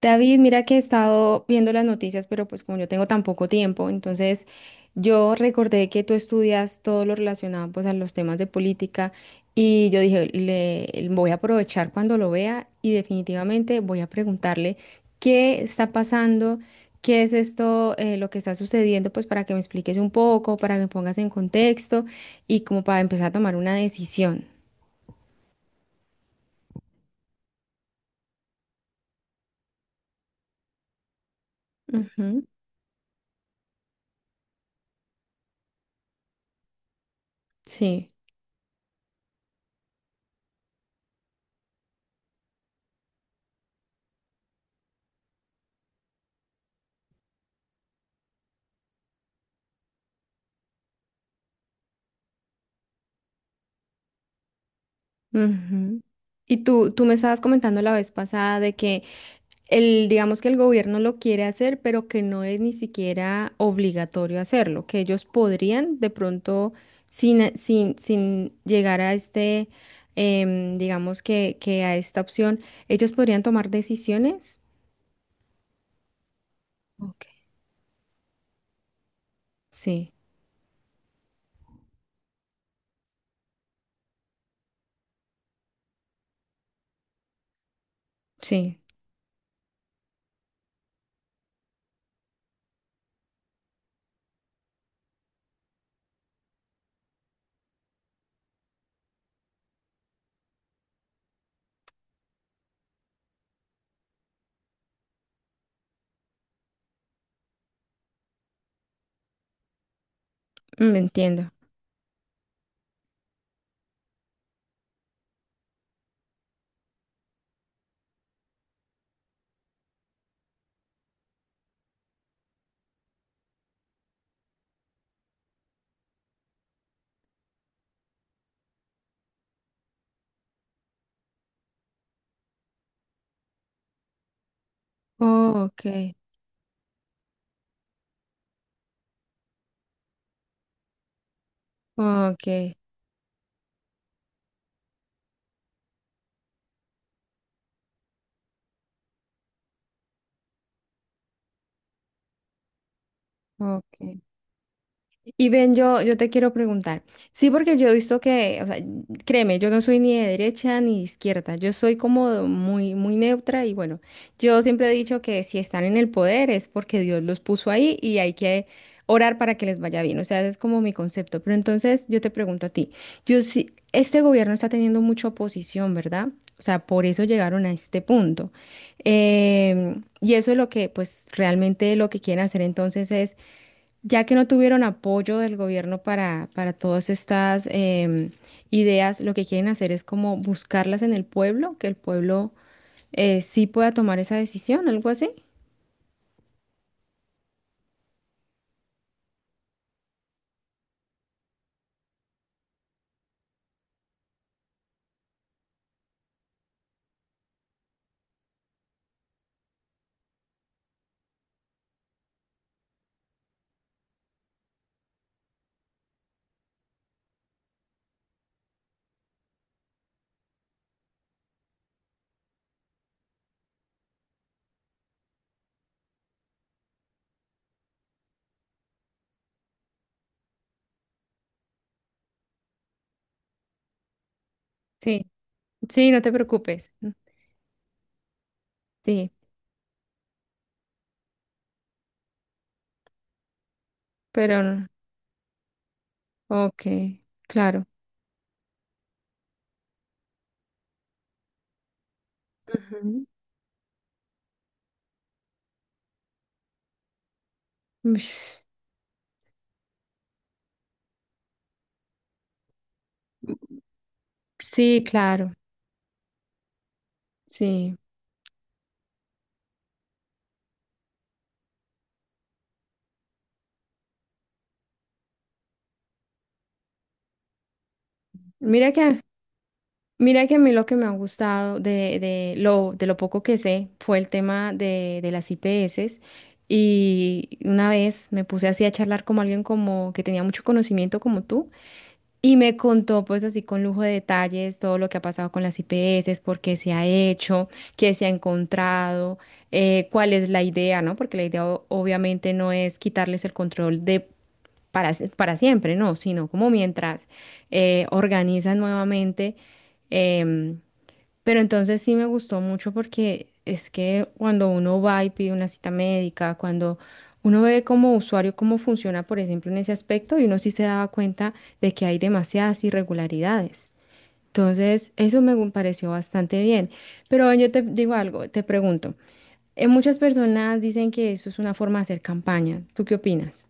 David, mira que he estado viendo las noticias, pero pues como yo tengo tan poco tiempo, entonces yo recordé que tú estudias todo lo relacionado pues a los temas de política y yo dije, le voy a aprovechar cuando lo vea y definitivamente voy a preguntarle qué está pasando, qué es esto, lo que está sucediendo, pues para que me expliques un poco, para que me pongas en contexto y como para empezar a tomar una decisión. Ujú. Sí. Ujú. Y tú me estabas comentando la vez pasada de que el, digamos que el gobierno lo quiere hacer, pero que no es ni siquiera obligatorio hacerlo, que ellos podrían de pronto, sin llegar a este, digamos que a esta opción, ellos podrían tomar decisiones. Ok. Sí, sí, me entiendo. Oh, ok, ok, ok. Y Ben, yo te quiero preguntar. Sí, porque yo he visto que, o sea, créeme, yo no soy ni de derecha ni de izquierda. Yo soy como muy, muy neutra y bueno, yo siempre he dicho que si están en el poder es porque Dios los puso ahí y hay que orar para que les vaya bien. O sea, ese es como mi concepto. Pero entonces yo te pregunto a ti, yo sí, este gobierno está teniendo mucha oposición, ¿verdad? O sea, por eso llegaron a este punto. Y eso es lo que, pues, realmente lo que quieren hacer entonces es ya que no tuvieron apoyo del gobierno para todas estas ideas, lo que quieren hacer es como buscarlas en el pueblo, que el pueblo sí pueda tomar esa decisión, algo así. Sí, sí, no te preocupes. Sí, pero, no, ok, claro. Ujú. Ush. Sí, claro, sí. Mira que Mira que a mí lo que me ha gustado de de lo poco que sé fue el tema de las IPS y una vez me puse así a charlar con alguien como que tenía mucho conocimiento como tú y me contó pues así con lujo de detalles todo lo que ha pasado con las IPS, por qué se ha hecho, qué se ha encontrado, cuál es la idea, ¿no? Porque la idea obviamente no es quitarles el control de para siempre, no, sino como mientras organizan nuevamente. em, pero entonces sí me gustó mucho porque es que cuando uno va y pide una cita médica, cuando uno ve como usuario cómo funciona, por ejemplo, en ese aspecto, y uno sí se daba cuenta de que hay demasiadas irregularidades. Entonces, pareció bastante bien. Pero yo te digo algo, te pregunto, muchas personas dicen que eso es una forma de hacer campaña. ¿Tú qué opinas?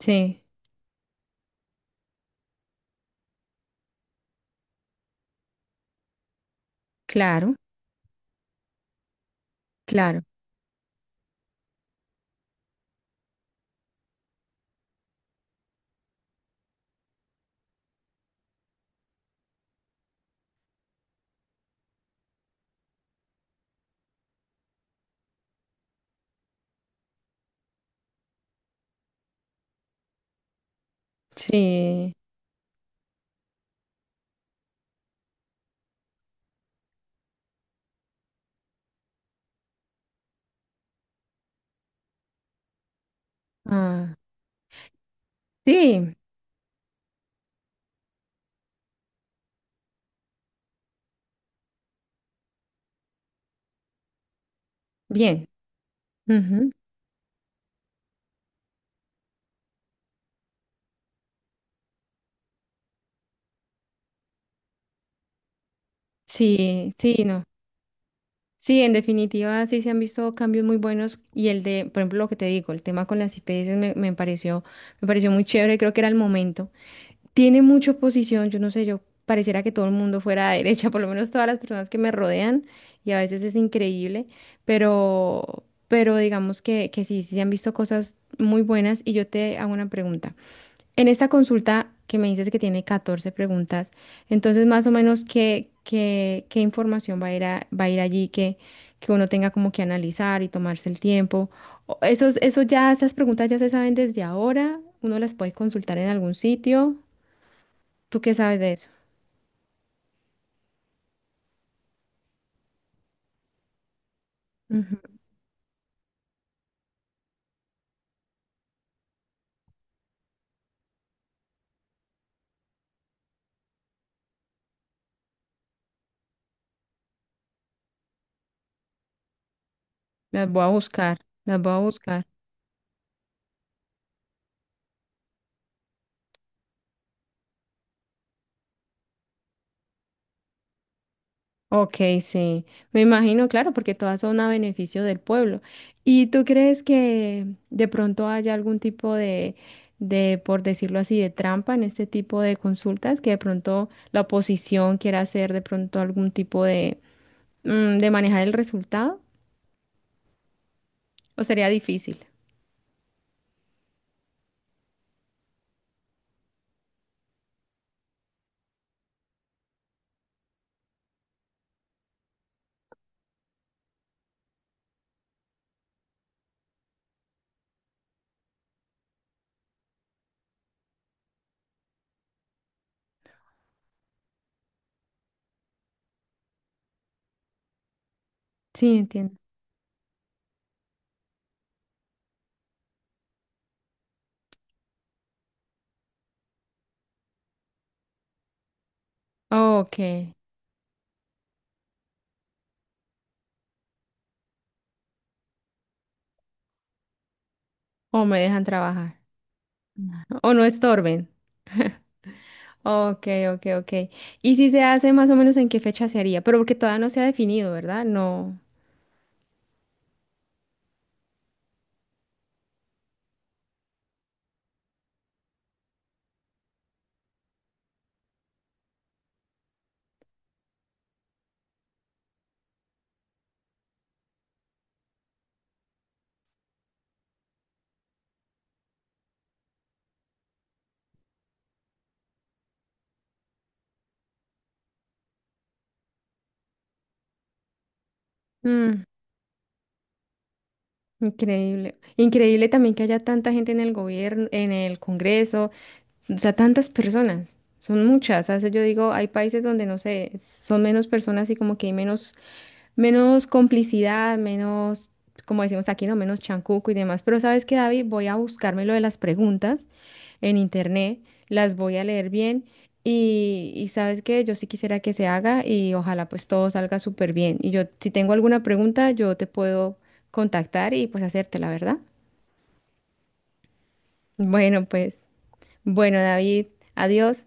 Sí, claro, claro. Sí. Ah, sí, bien. Ujú. Sí, sí, no. Sí, en definitiva, sí se han visto cambios muy buenos y el de, por ejemplo, lo que te digo, el tema con las IPS me pareció muy chévere, creo que era el momento. Tiene mucha oposición, yo no sé, yo pareciera que todo el mundo fuera de derecha, por lo menos todas las personas que me rodean y a veces es increíble, pero digamos que sí, sí se han visto cosas muy buenas y yo te hago una pregunta. En esta consulta que me dices que tiene 14 preguntas, entonces más o menos qué información va a ir allí que uno tenga como que analizar y tomarse el tiempo. Eso ya, esas preguntas ya se saben desde ahora, uno las puede consultar en algún sitio. ¿Tú qué sabes de eso? Ujú. Las voy a buscar, las voy a buscar. Ok, sí, me imagino, claro, porque todas son a beneficio del pueblo. ¿Y tú crees que de pronto haya algún tipo de, por decirlo así, de trampa en este tipo de consultas, que de pronto la oposición quiera hacer de pronto algún tipo de, de manejar el resultado? ¿O sería difícil? Sí, entiendo. Ok, o me dejan trabajar, o no estorben. Ok, ok, ok. ¿Y si se hace más o menos en qué fecha se haría? Pero porque todavía no se ha definido, ¿verdad? No. Mm. Increíble. Increíble también que haya tanta gente en el gobierno, en el Congreso, o sea, tantas personas. Son muchas. A veces yo digo, hay países donde no sé, son menos personas y como que hay menos, menos complicidad, menos, como decimos aquí, no, menos chancuco y demás. Pero ¿sabes qué, David? Voy a buscarme lo de las preguntas en internet, las voy a leer bien y sabes que yo sí quisiera que se haga y ojalá pues todo salga súper bien. Y yo, si tengo alguna pregunta, yo te puedo contactar y pues hacértela, ¿verdad? Bueno, pues, bueno, David, adiós.